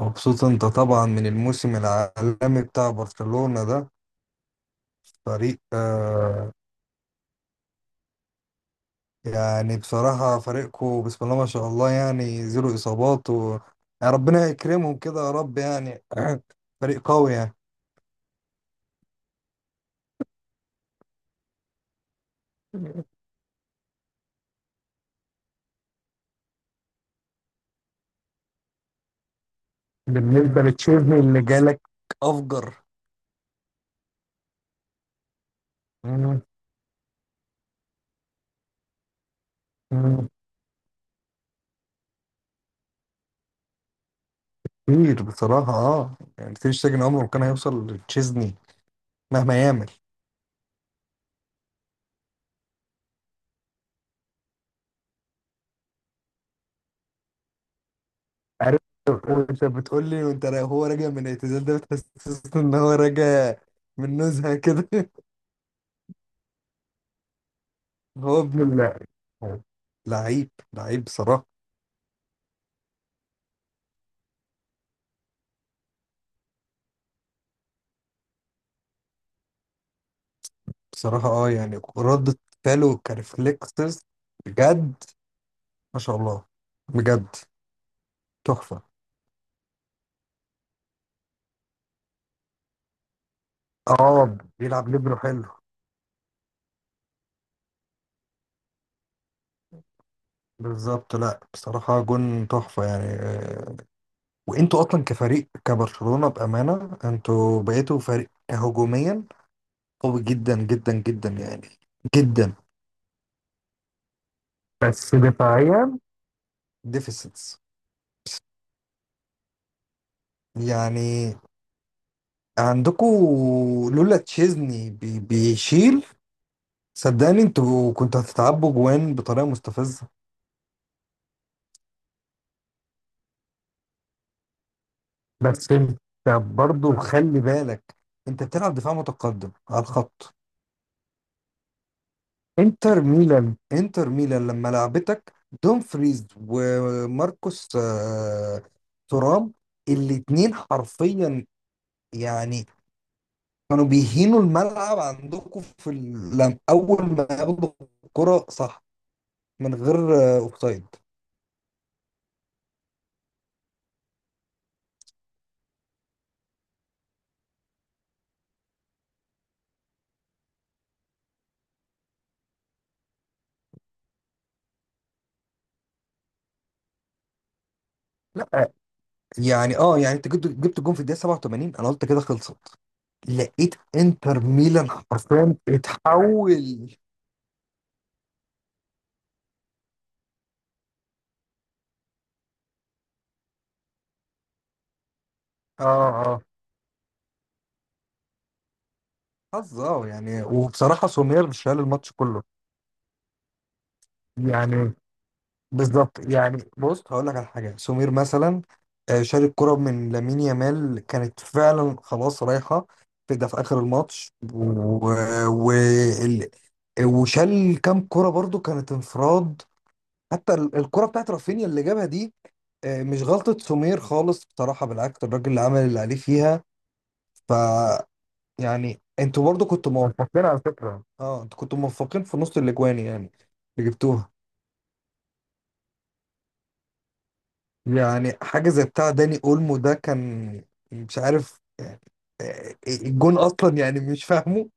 مبسوط انت طبعا من الموسم العالمي بتاع برشلونة ده. فريق. آه. يعني بصراحة فريقكم بسم الله ما شاء الله، يعني زيرو إصابات و... يعني ربنا يكرمهم كده يا رب يعني. فريق قوي يعني. بالنسبة لتشيزني اللي جالك أفجر. مم. مم. كتير بصراحة، يعني تير شتيجن عمره ما كان هيوصل لتشيزني مهما يعمل. عارف. وانت بتقول لي، هو راجع من الاعتزال ده بتحسسني ان هو راجع من نزهه كده هو ابن الله، لعيب لعيب بصراحه. بصراحه يعني ردة فعله كريفلكسز، بجد. ما شاء الله، بجد. تحفه. اه بيلعب ليبرو حلو. بالظبط. لا بصراحه جون تحفه يعني، وانتوا اصلا كفريق كبرشلونه بامانه انتوا بقيتوا فريق هجوميا قوي جدا جدا جدا يعني، جدا. بس دفاعيا ديفيسيتس يعني، عندكم لولا تشيزني بيشيل صدقني انتوا كنتوا هتتعبوا جوان بطريقه مستفزه. بس انت برضو خلي بالك، انت بتلعب دفاع متقدم على الخط. انتر ميلان، انتر ميلان لما لعبتك دومفريز وماركوس تورام، الاتنين حرفيا يعني كانوا بيهينوا الملعب عندكم في لم اول ما ياخدوا الكرة صح، من غير اوفسايد. لا يعني يعني انت جبت جون في الدقيقه 87، انا قلت كده خلصت. لقيت انتر ميلان حرفيا اتحول. اه، اه حظ، يعني وبصراحه سومير شال الماتش كله يعني. بالظبط، يعني بص هقول لك على حاجه. سمير مثلا، شال الكره من لامين يامال، كانت فعلا خلاص رايحه في ده في اخر الماتش و... ال- وشال كام كره برضو كانت انفراد. حتى الكره بتاعت رافينيا اللي جابها دي، مش غلطه سمير خالص بصراحه. بالعكس الراجل اللي عمل اللي عليه فيها، ف، يعني انتوا برضو كنتوا موفقين على فكره. اه، انتوا كنتوا موفقين في نص الاجوان، يعني اللي جبتوها. يعني حاجة زي بتاع داني اولمو ده كان مش عارف يعني، الجون اصلا يعني مش فاهمه.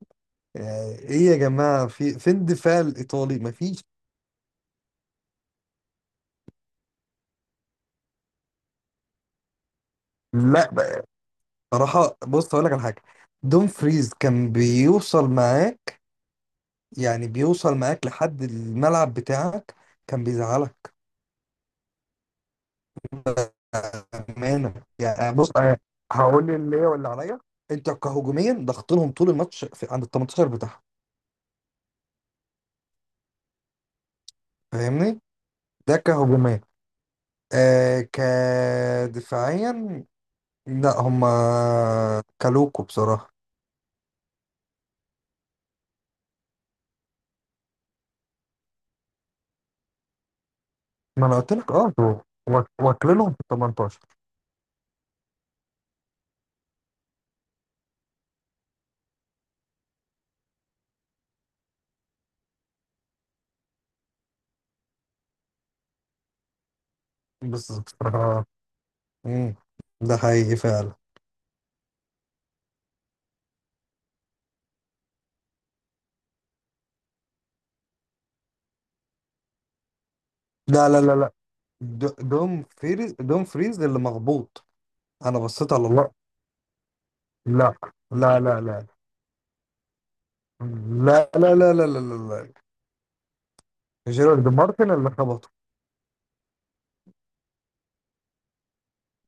يعني ايه يا جماعة، في فين الدفاع الايطالي؟ مفيش. لا بقى، بصراحة بص هقول لك على حاجة. دوم فريز كان بيوصل معاك، يعني بيوصل معاك لحد الملعب بتاعك، كان بيزعلك. أمانة يعني، بص أنا هقول لي اللي هي واللي عليا. انت كهجوميا ضغطتهم طول الماتش في عند ال 18 بتاعهم، فاهمني؟ ده كهجوميا. آه كدفاعيا، لا هما كلوكو بصراحة. ما انا قلت لك اه دول واكلينهم في ال 18. بالظبط. اه. مم. ده حقيقي فعلا. لا لا لا لا، د- دوم دوم فريز اللي مغبوط. انا بصيت على الله. لا. لا لا لا. لا لا لا لا لا لا. لا. جيرارد مارتن اللي خبطه.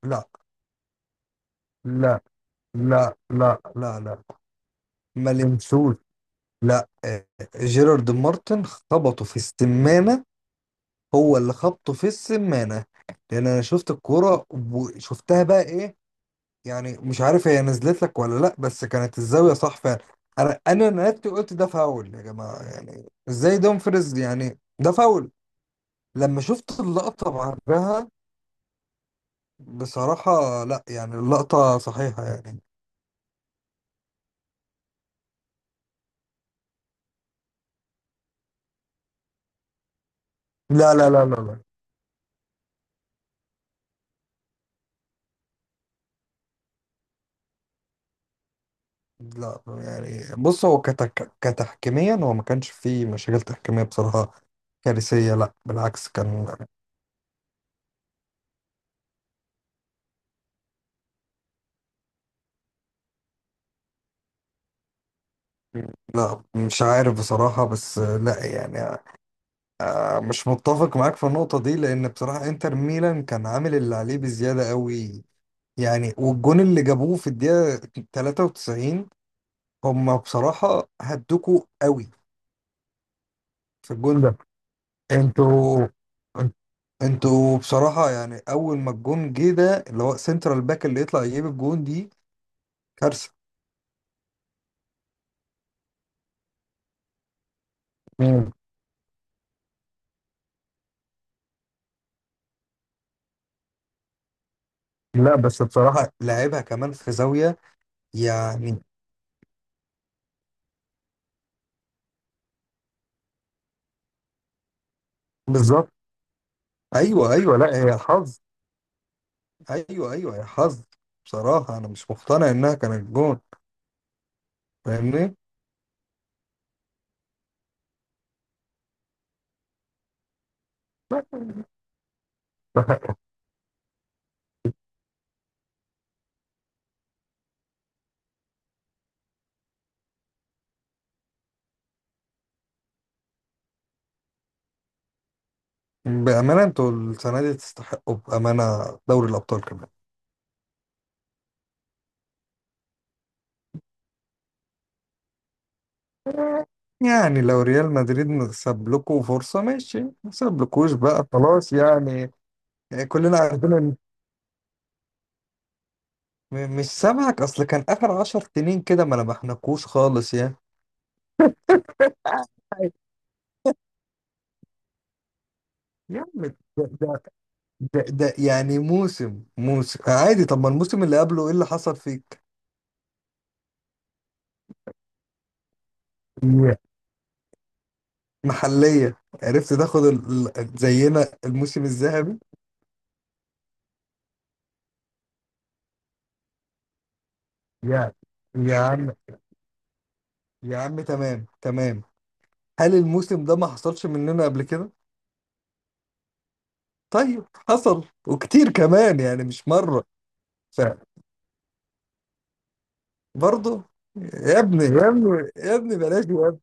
لا لا لا لا لا لا. ما لمسوش. لا، جيرارد مارتن خبطه في السمانة. هو اللي خبطه في السمانة، لأن أنا شفت الكورة. وشفتها بقى إيه، يعني مش عارف هي نزلت لك ولا لأ، بس كانت الزاوية صح فعلا. أنا نادت، قلت ده فاول يا جماعة، يعني إزاي دومفريز يعني ده فاول، لما شفت اللقطة بعدها. بصراحة لأ، يعني اللقطة صحيحة يعني. لا لا لا لا لا لا، يعني بص هو كتحكيميا، هو ما كانش فيه مشاكل تحكيمية بصراحة كارثية. لا بالعكس كان. لا مش عارف بصراحة، بس لا يعني، مش متفق معاك في النقطة دي، لأن بصراحة انتر ميلان كان عامل اللي عليه بزيادة قوي. يعني والجون اللي جابوه في الدقيقة 93 هم بصراحة هدوكوا قوي في الجون ده. انتوا انتوا بصراحة يعني، أول ما الجون جه ده اللي هو سنترال باك اللي يطلع يجيب الجون دي كارثة. مم. لا بس بصراحة لعبها كمان في زاوية يعني. بالظبط. ايوه ايوه، لا هي حظ. ايوه ايوه، هي حظ. بصراحه انا مش مقتنع انها كانت جون، فاهمني؟ لا. بامانه انتوا السنه دي تستحقوا، بامانه، دوري الابطال كمان. يعني لو ريال مدريد ساب لكم فرصه ماشي، ما سابلكوش بقى، خلاص يعني. يعني كلنا عارفين ان، مش سامعك اصل، كان اخر 10 سنين كده ما نبحناكوش خالص يعني. آه، يا عم، ده ده يعني موسم، موسم عادي. طب ما الموسم اللي قبله ايه اللي حصل فيك؟ Yeah. محلية عرفت تاخد زينا الموسم الذهبي؟ يا يا عم، يا عم تمام تمام. هل الموسم ده ما حصلش مننا قبل كده؟ طيب حصل وكتير كمان، يعني مش مرة. فبرضه، يا ابني يا ابني يا ابني بلاش يا ابني.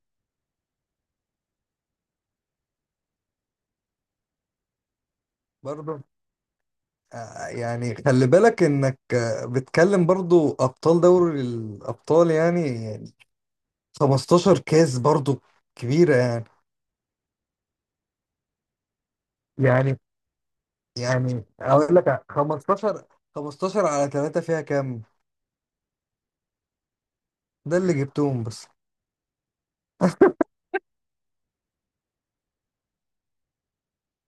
برضه يعني خلي بالك انك بتكلم برضه ابطال دوري الابطال، يعني 15 كاس برضو كبيرة يعني يعني اقول لك 15، 15 على 3 فيها كام؟ ده اللي جبتهم بس.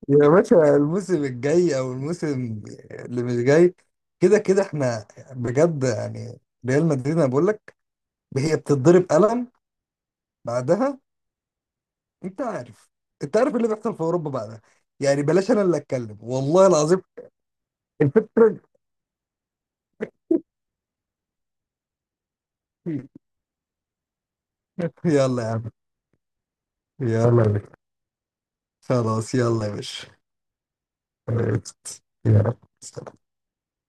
يا باشا، الموسم الجاي او الموسم اللي مش جاي، كده كده احنا بجد يعني. ريال مدريد انا بقول لك هي بتتضرب قلم بعدها. انت عارف، انت عارف اللي بيحصل في اوروبا بعدها، يعني بلاش انا اللي اتكلم، والله العظيم. الفكرة. يلا يا عم، يلا يا باشا، خلاص يلا يا باشا. عرفت يا رب.